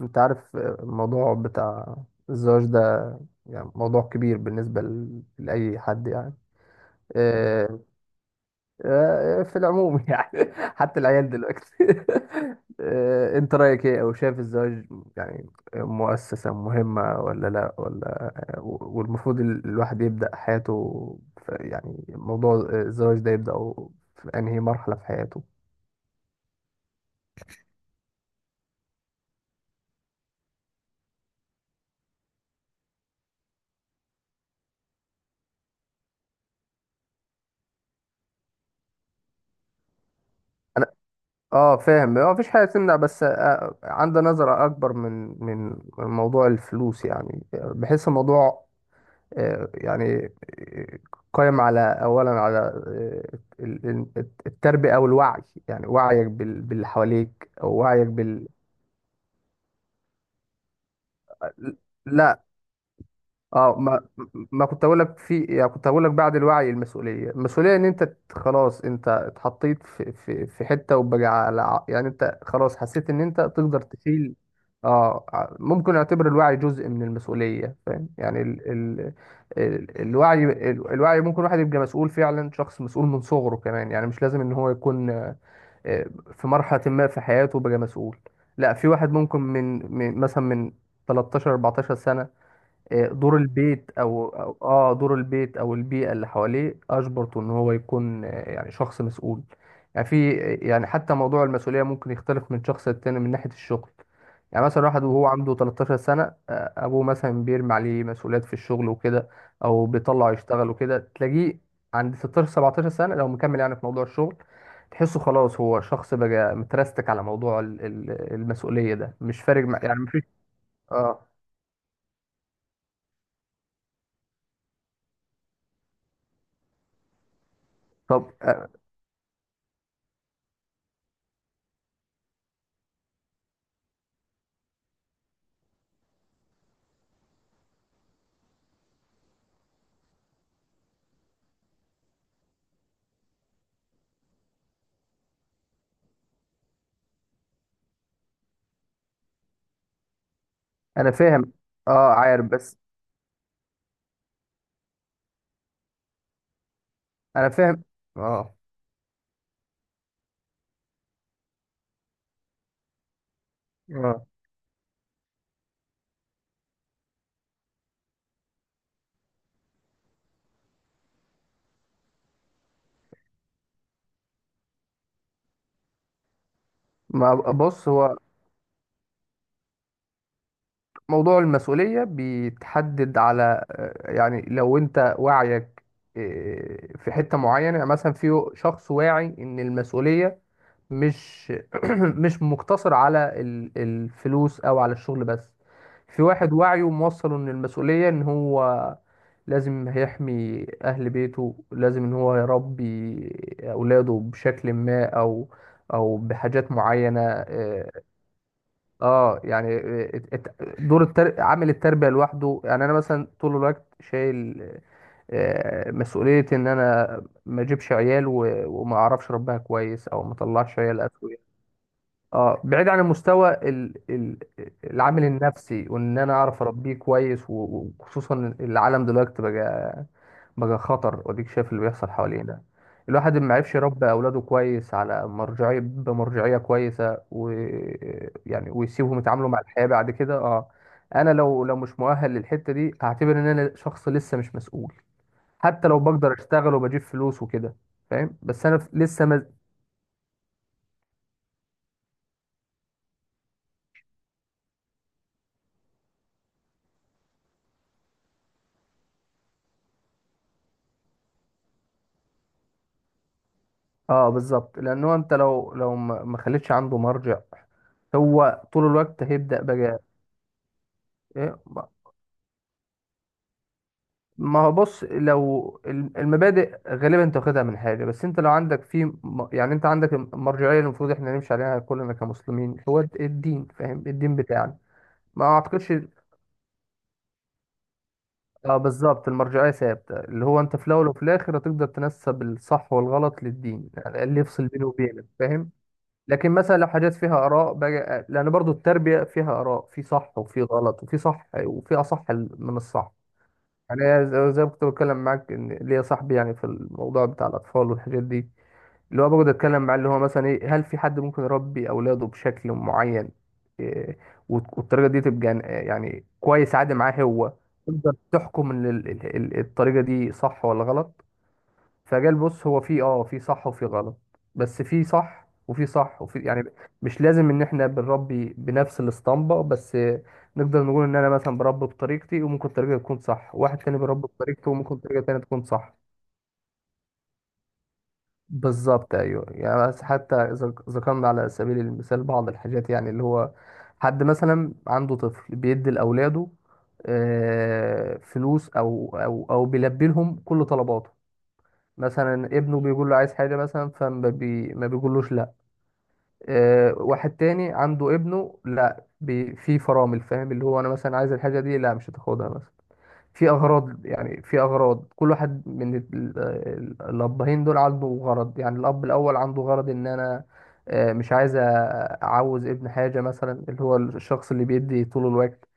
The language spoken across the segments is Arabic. انت عارف الموضوع بتاع الزواج ده يعني موضوع كبير بالنسبة لأي حد يعني. آه، في العموم يعني حتى العيال دلوقتي انت رأيك ايه او شايف الزواج يعني مؤسسة مهمة ولا لا ولا، والمفروض الواحد يبدأ حياته يعني موضوع الزواج ده يبدأ في انهي مرحلة في حياته. اه فاهم، ما فيش حاجه تمنع، بس عندي نظره اكبر من من من موضوع الفلوس، يعني بحس الموضوع يعني قائم على اولا على التربيه او الوعي، يعني وعيك باللي حواليك او وعيك بال. لا. اه، ما كنت اقول لك في، يعني كنت هقول لك بعد الوعي المسؤوليه ان انت خلاص انت اتحطيت في في حته وبقى على يعني انت خلاص حسيت ان انت تقدر تشيل. اه، ممكن اعتبر الوعي جزء من المسؤوليه، فاهم؟ يعني الوعي الوعي ممكن واحد يبقى مسؤول فعلا، شخص مسؤول من صغره كمان، يعني مش لازم ان هو يكون آه، في مرحله ما في حياته بقى مسؤول. لا، في واحد ممكن من مثلا من 13 14 سنه. دور البيت اه دور البيت او البيئه اللي حواليه اجبرته ان هو يكون يعني شخص مسؤول. يعني في يعني حتى موضوع المسؤوليه ممكن يختلف من شخص للتاني من ناحيه الشغل. يعني مثلا واحد وهو عنده 13 سنه، ابوه مثلا بيرمي عليه مسؤوليات في الشغل وكده، او بيطلعه يشتغل وكده، تلاقيه عند 16 17 سنه لو مكمل يعني في موضوع الشغل تحسه خلاص هو شخص بقى مترستك. على موضوع المسؤوليه ده مش فارق مع، يعني مفيش. اه. طب انا فاهم. اه عارف، بس انا فاهم. اه. اه، ما بص، هو موضوع المسؤولية بيتحدد على يعني لو انت وعيك في حتة معينة. يعني مثلا في شخص واعي ان المسؤولية مش مش مقتصر على الفلوس او على الشغل بس. في واحد وعيه موصله ان المسؤولية ان هو لازم هيحمي أهل بيته، لازم إن هو يربي أولاده بشكل ما، أو أو بحاجات معينة آه. يعني دور التر... عامل التربية لوحده. يعني أنا مثلا طول الوقت شايل مسؤولية إن أنا ما أجيبش عيال و... وما أعرفش أربيها كويس، أو ما أطلعش عيال أسوية. آه بعيد عن المستوى العامل النفسي، وإن أنا أعرف أربيه كويس وخصوصا العالم دلوقتي بقى بقى خطر، وديك شايف اللي بيحصل حوالينا. الواحد ما عرفش يربي اولاده كويس على مرجعيه بمرجعيه كويسه، و يعني، ويسيبهم يتعاملوا مع الحياه بعد كده، اه. انا لو لو مش مؤهل للحته دي، هعتبر ان انا شخص لسه مش مسؤول، حتى لو بقدر اشتغل وبجيب فلوس وكده، فاهم؟ بس انا لسه ما. اه بالظبط، لانه انت لو لو ما خليتش عنده مرجع، هو طول الوقت هيبدا بقى. إيه؟ ما هو بص، لو المبادئ غالبا انت واخدها من حاجه، بس انت لو عندك في يعني انت عندك المرجعيه اللي المفروض احنا نمشي عليها كلنا كمسلمين، هو الدين، فاهم؟ الدين بتاعنا. ما اعتقدش. اه بالظبط، المرجعيه ثابته، اللي هو انت في الاول وفي الاخر هتقدر تنسب الصح والغلط للدين، يعني اللي يفصل بينه وبينك، فاهم؟ لكن مثلا لو حاجات فيها اراء بقى، لان برضو التربيه فيها اراء، في صح وفي غلط، وفي صح وفي اصح من الصح. انا زي ما كنت بتكلم معاك ان ليا صاحبي، يعني في الموضوع بتاع الاطفال والحاجات دي، اللي هو بقعد اتكلم معاه، اللي هو مثلا ايه، هل في حد ممكن يربي اولاده بشكل معين إيه، والطريقه دي تبقى يعني كويس عادي معاه هو. تقدر تحكم ان الطريقه دي صح ولا غلط؟ فجال بص، هو في اه في صح وفي غلط، بس في صح وفي صح وفي يعني. مش لازم ان احنا بنربي بنفس الاسطمبة، بس نقدر نقول ان انا مثلا بربي بطريقتي وممكن طريقة تكون صح، واحد تاني بيربي بطريقته وممكن طريقة تانية تكون صح. بالظبط ايوه يعني، بس حتى إذا ذكرنا على سبيل المثال بعض الحاجات، يعني اللي هو حد مثلا عنده طفل بيدي لاولاده فلوس او بيلبي لهم كل طلباته. مثلا ابنه بيقول له عايز حاجة مثلا فما بي... ما بيقولوش لا. آه واحد تاني عنده ابنه لا بي... في فرامل، فاهم؟ اللي هو انا مثلا عايز الحاجة دي، لا مش هتاخدها مثلا. في اغراض، يعني في اغراض كل واحد من الابهين دول عنده غرض. يعني الاب الاول عنده غرض ان انا آه مش عايز اعوز ابن حاجة مثلا، اللي هو الشخص اللي بيدي طول الوقت،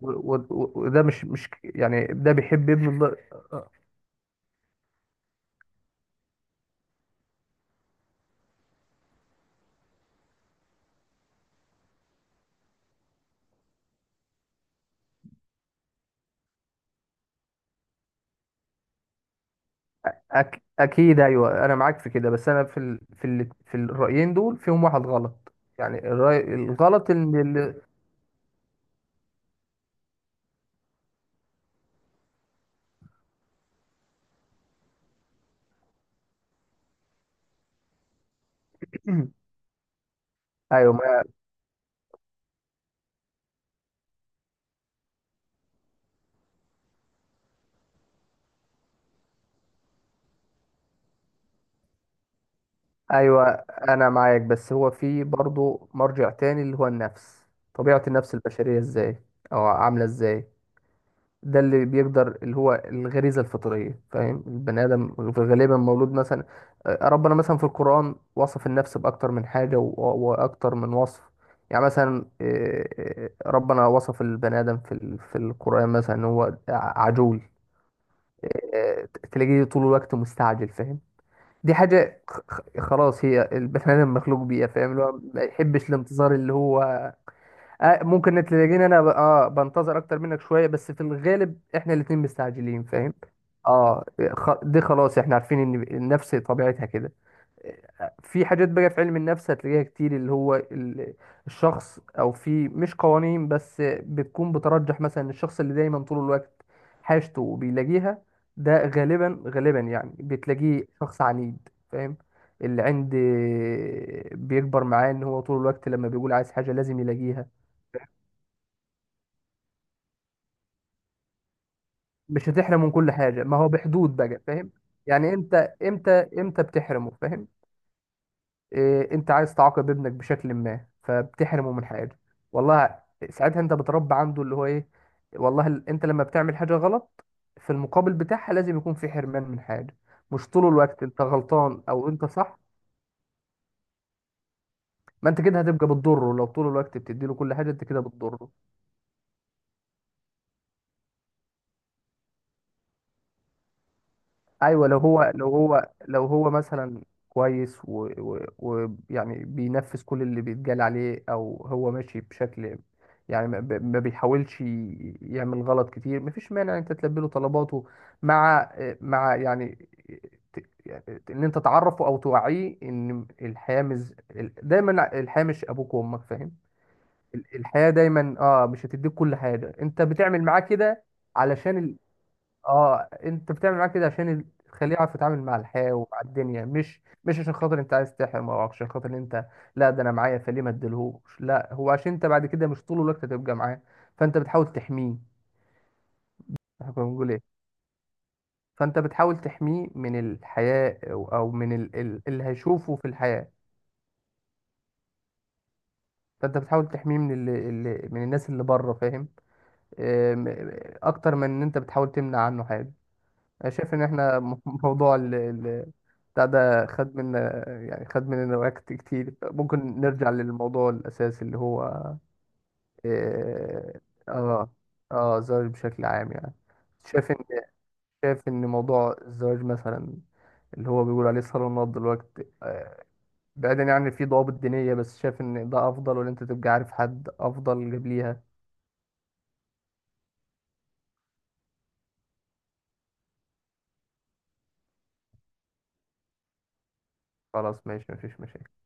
وده مش مش يعني ده بيحب ابنه. اكيد ايوه انا معاك في كده، بس انا في في الرايين دول فيهم واحد غلط. يعني الراي الغلط ان ال... ايوه ما... ايوه انا معاك، بس هو في برضه مرجع تاني اللي هو النفس. طبيعة النفس البشرية ازاي او عاملة ازاي، ده اللي بيقدر اللي هو الغريزة الفطرية، فاهم؟ البني آدم غالبا مولود مثلا ربنا مثلا في القرآن وصف النفس بأكتر من حاجة وأكتر من وصف. يعني مثلا ربنا وصف البني آدم في في القرآن مثلا إن هو عجول. آه، تلاقيه طول الوقت مستعجل، فاهم؟ دي حاجة خلاص هي البني آدم مخلوق بيها، فاهم؟ اللي هو ما يحبش الانتظار، اللي هو ممكن تلاقيني انا ب... اه بنتظر اكتر منك شويه، بس في الغالب احنا الاتنين مستعجلين، فاهم؟ اه. دي خلاص احنا عارفين ان النفس طبيعتها كده. في حاجات بقى في علم النفس هتلاقيها كتير، اللي هو الشخص، او في مش قوانين بس بتكون بترجح، مثلا الشخص اللي دايما طول الوقت حاجته وبيلاقيها، ده غالبا غالبا يعني بتلاقيه شخص عنيد، فاهم؟ اللي عند بيكبر معاه ان هو طول الوقت لما بيقول عايز حاجة لازم يلاقيها. مش هتحرمه من كل حاجه، ما هو بحدود بقى، فاهم؟ يعني امتى، امتى، امتى بتحرمه، فاهم؟ إيه، انت عايز تعاقب ابنك بشكل ما فبتحرمه من حاجه. والله ساعتها انت بتربي عنده اللي هو ايه، والله انت لما بتعمل حاجه غلط في المقابل بتاعها لازم يكون في حرمان من حاجه. مش طول الوقت انت غلطان او انت صح. ما انت كده هتبقى بتضره، لو طول الوقت بتديله كل حاجه انت كده بتضره. ايوه، لو هو مثلا كويس ويعني يعني بينفذ كل اللي بيتقال عليه، او هو ماشي بشكل يعني ما بيحاولش يعمل غلط كتير، مفيش مانع إن انت تلبي له طلباته، مع مع يعني يعني ان انت تعرفه او توعيه ان الحياه مش ال- دايما الحياه مش ابوك وامك، فاهم؟ الحياه دايما اه مش هتديك كل حاجه. انت بتعمل معاه كده علشان، اه انت بتعمل معاه كده عشان تخليه يعرف يتعامل مع الحياة ومع الدنيا، مش مش عشان خاطر انت عايز تحرم او عشان خاطر إن انت لا ده انا معايا فليه ما اديلهوش، لا هو عشان انت بعد كده مش طول الوقت هتبقى معاه، فانت بتحاول تحميه. احنا كنا بنقول ايه؟ فانت بتحاول تحميه من الحياة او، أو من اللي هيشوفه في الحياة، فانت بتحاول تحميه من من الناس اللي بره، فاهم؟ آم، اكتر من ان انت بتحاول تمنع عنه حاجة. انا شايف ان احنا موضوع بتاع ده خد منا، يعني خد مننا وقت كتير، ممكن نرجع للموضوع الاساسي اللي هو اه. اه. الزواج بشكل عام يعني، شايف ان شايف ان موضوع الزواج مثلا اللي هو بيقول عليه صالونات دلوقتي، بعيدا يعني في ضوابط دينية، بس شايف ان ده افضل ولا انت تبقى عارف حد افضل قبليها؟ خلاص ماشي، مفيش مشاكل.